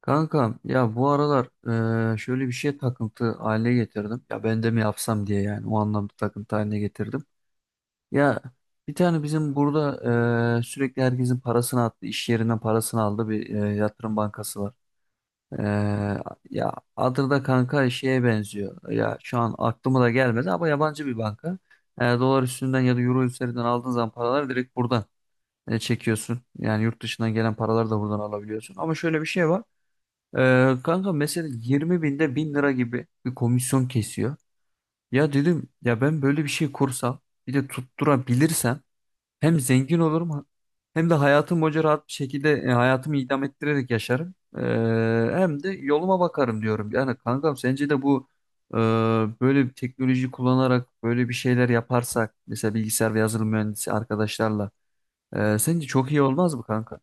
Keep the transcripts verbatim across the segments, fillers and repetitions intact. Kankam ya bu aralar eee, şöyle bir şey takıntı haline getirdim. Ya ben de mi yapsam diye yani o anlamda takıntı haline getirdim. Ya bir tane bizim burada eee, sürekli herkesin parasını attı, iş yerinden parasını aldı bir eee, yatırım bankası var. Eee, ya adı da kanka şeye benziyor. Ya şu an aklıma da gelmedi ama yabancı bir banka. Eee, dolar üstünden ya da euro üzerinden aldığın zaman paraları direkt buradan e, çekiyorsun. Yani yurt dışından gelen paraları da buradan alabiliyorsun. Ama şöyle bir şey var. Ee, kanka mesela yirmi binde bin lira gibi bir komisyon kesiyor. Ya dedim ya ben böyle bir şey kursam bir de tutturabilirsem hem zengin olurum hem de hayatım boyunca rahat bir şekilde e, hayatımı idam ettirerek yaşarım. Ee, hem de yoluma bakarım diyorum. Yani kankam sence de bu e, böyle bir teknoloji kullanarak böyle bir şeyler yaparsak mesela bilgisayar ve yazılım mühendisi arkadaşlarla e, sence çok iyi olmaz mı kanka?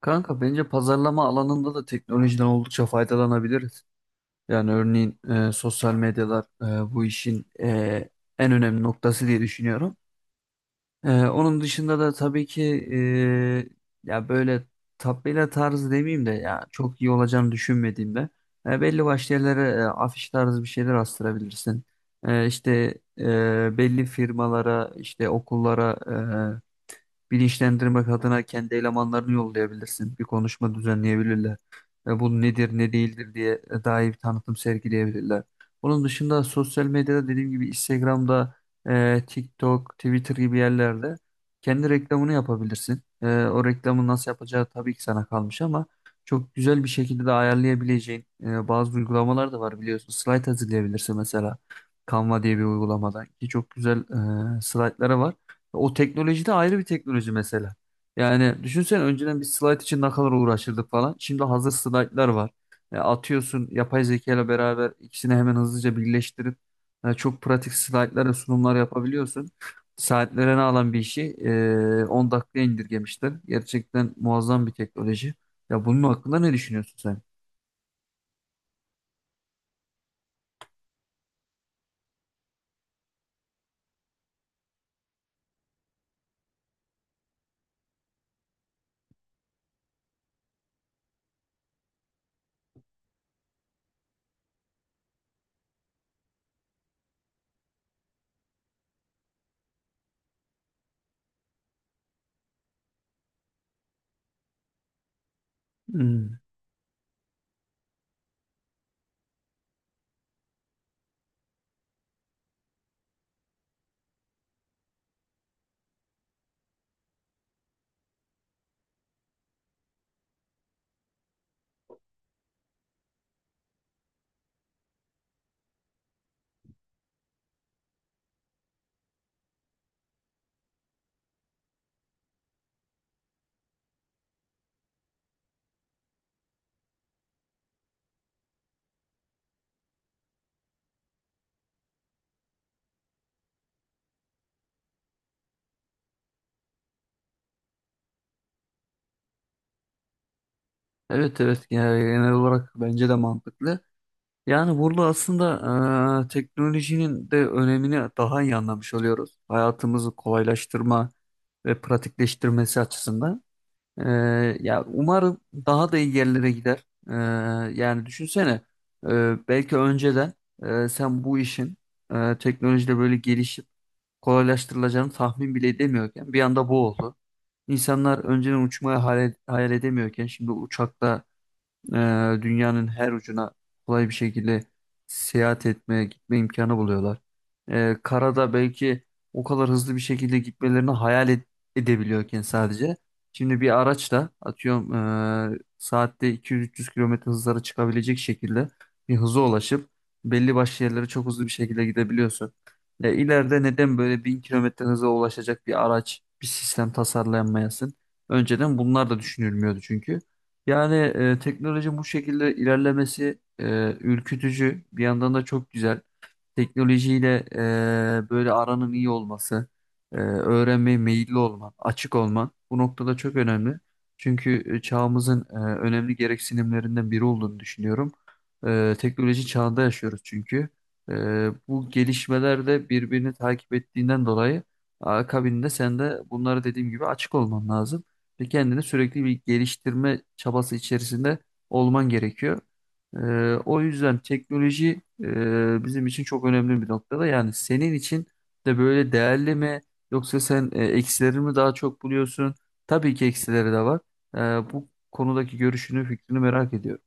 Kanka bence pazarlama alanında da teknolojiden oldukça faydalanabiliriz. Yani örneğin e, sosyal medyalar e, bu işin e, en önemli noktası diye düşünüyorum. E, onun dışında da tabii ki e, ya böyle tabela tarzı demeyeyim de ya çok iyi olacağını düşünmediğimde e, belli başlı yerlere e, afiş tarzı bir şeyler astırabilirsin. E, işte e, belli firmalara, işte okullara e, bilinçlendirmek adına kendi elemanlarını yollayabilirsin. Bir konuşma düzenleyebilirler. E, bu nedir ne değildir diye e, daha iyi bir tanıtım sergileyebilirler. Onun dışında sosyal medyada dediğim gibi Instagram'da, e, TikTok, Twitter gibi yerlerde kendi reklamını yapabilirsin. E, o reklamı nasıl yapacağı tabii ki sana kalmış ama çok güzel bir şekilde de ayarlayabileceğin e, bazı uygulamalar da var biliyorsun. Slide hazırlayabilirsin mesela. Canva diye bir uygulamadan ki çok güzel e, slaytları var. O teknoloji de ayrı bir teknoloji mesela. Yani düşünsene önceden bir slide için ne kadar uğraşırdık falan. Şimdi hazır slaytlar var. E, atıyorsun yapay zeka ile beraber ikisini hemen hızlıca birleştirip e, çok pratik slaytlar ve sunumlar yapabiliyorsun. Saatlerini alan bir işi e, on dakikaya indirgemişler. Gerçekten muazzam bir teknoloji. Ya bunun hakkında ne düşünüyorsun sen? Hmm. Evet evet. Yani genel olarak bence de mantıklı. Yani burada aslında eee, teknolojinin de önemini daha iyi anlamış oluyoruz. Hayatımızı kolaylaştırma ve pratikleştirmesi açısından. Eee, ya umarım daha da iyi yerlere gider. Eee, yani düşünsene eee, belki önceden eee, sen bu işin eee, teknolojiyle böyle gelişip kolaylaştırılacağını tahmin bile edemiyorken bir anda bu oldu. İnsanlar önceden uçmayı hayal, hayal edemiyorken şimdi uçakla ee, dünyanın her ucuna kolay bir şekilde seyahat etme, gitme imkanı buluyorlar. Ee, karada belki o kadar hızlı bir şekilde gitmelerini hayal ed- edebiliyorken sadece. Şimdi bir araçla atıyorum ee, saatte iki yüz üç yüz kilometre hızlara çıkabilecek şekilde bir hıza ulaşıp belli başlı yerlere çok hızlı bir şekilde gidebiliyorsun. E, ileride neden böyle bin kilometre hıza ulaşacak bir araç, bir sistem tasarlanmayasın? Önceden bunlar da düşünülmüyordu çünkü. Yani e, teknoloji bu şekilde ilerlemesi e, ürkütücü. Bir yandan da çok güzel teknolojiyle e, böyle aranın iyi olması, e, öğrenmeye meyilli olman, açık olman bu noktada çok önemli. Çünkü e, çağımızın e, önemli gereksinimlerinden biri olduğunu düşünüyorum. E, teknoloji çağında yaşıyoruz çünkü. E, Bu gelişmeler de birbirini takip ettiğinden dolayı akabinde sen de bunları dediğim gibi açık olman lazım ve kendini sürekli bir geliştirme çabası içerisinde olman gerekiyor. E, O yüzden teknoloji ee, bizim için çok önemli bir noktada. Yani senin için de böyle değerli mi yoksa sen e, eksileri mi daha çok buluyorsun? Tabii ki eksileri de var. Ee, bu konudaki görüşünü, fikrini merak ediyorum.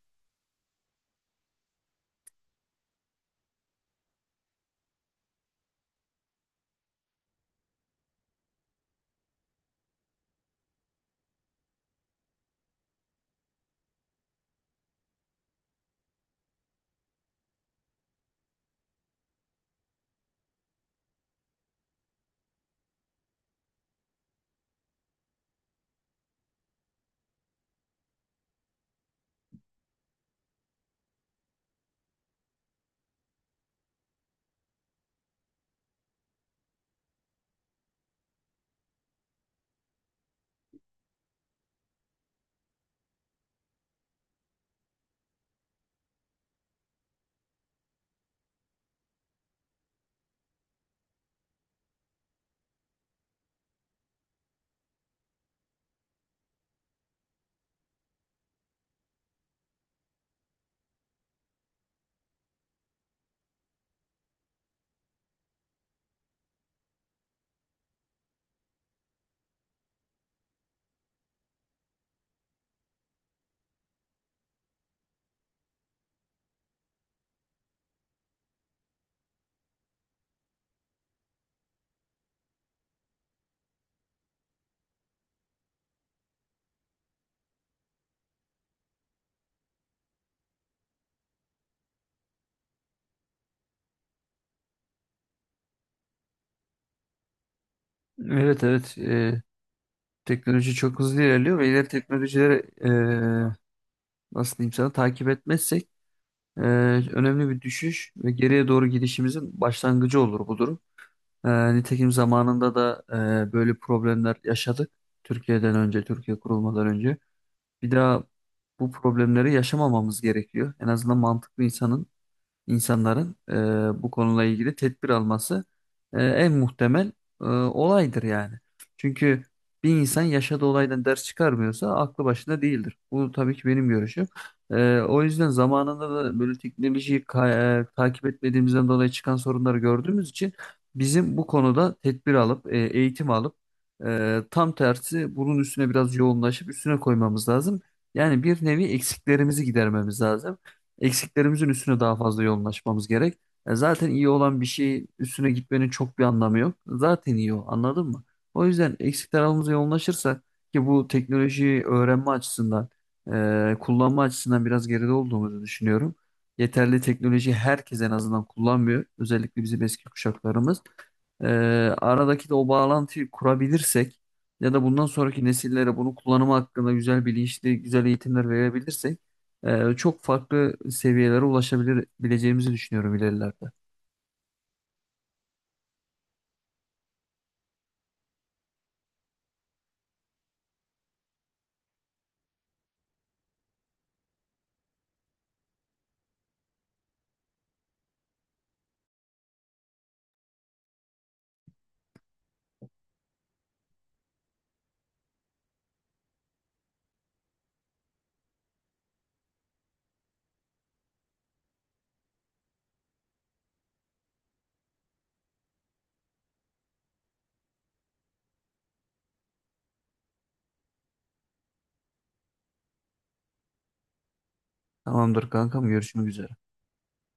Evet evet. Ee, teknoloji çok hızlı ilerliyor ve ileri teknolojileri e, nasıl diyeyim sana takip etmezsek e, önemli bir düşüş ve geriye doğru gidişimizin başlangıcı olur bu durum. Ee, nitekim zamanında da e, böyle problemler yaşadık. Türkiye'den önce, Türkiye kurulmadan önce. Bir daha bu problemleri yaşamamamız gerekiyor. En azından mantıklı insanın insanların e, bu konuyla ilgili tedbir alması e, en muhtemel e, olaydır yani. Çünkü bir insan yaşadığı olaydan ders çıkarmıyorsa aklı başında değildir. Bu tabii ki benim görüşüm. E, o yüzden zamanında da böyle teknolojiyi ka- e, takip etmediğimizden dolayı çıkan sorunları gördüğümüz için bizim bu konuda tedbir alıp e, eğitim alıp e, tam tersi bunun üstüne biraz yoğunlaşıp üstüne koymamız lazım. Yani bir nevi eksiklerimizi gidermemiz lazım. Eksiklerimizin üstüne daha fazla yoğunlaşmamız gerek. E, zaten iyi olan bir şeyin üstüne gitmenin çok bir anlamı yok. Zaten iyi o, anladın mı? O yüzden eksik tarafımıza yoğunlaşırsak ki bu teknolojiyi öğrenme açısından, e, kullanma açısından biraz geride olduğumuzu düşünüyorum. Yeterli teknoloji herkes en azından kullanmıyor. Özellikle bizim eski kuşaklarımız. E, Aradaki de o bağlantıyı kurabilirsek ya da bundan sonraki nesillere bunu kullanımı hakkında güzel bilinçli, güzel eğitimler verebilirsek e, çok farklı seviyelere ulaşabileceğimizi düşünüyorum ilerilerde. Tamamdır kankam, görüşmek üzere.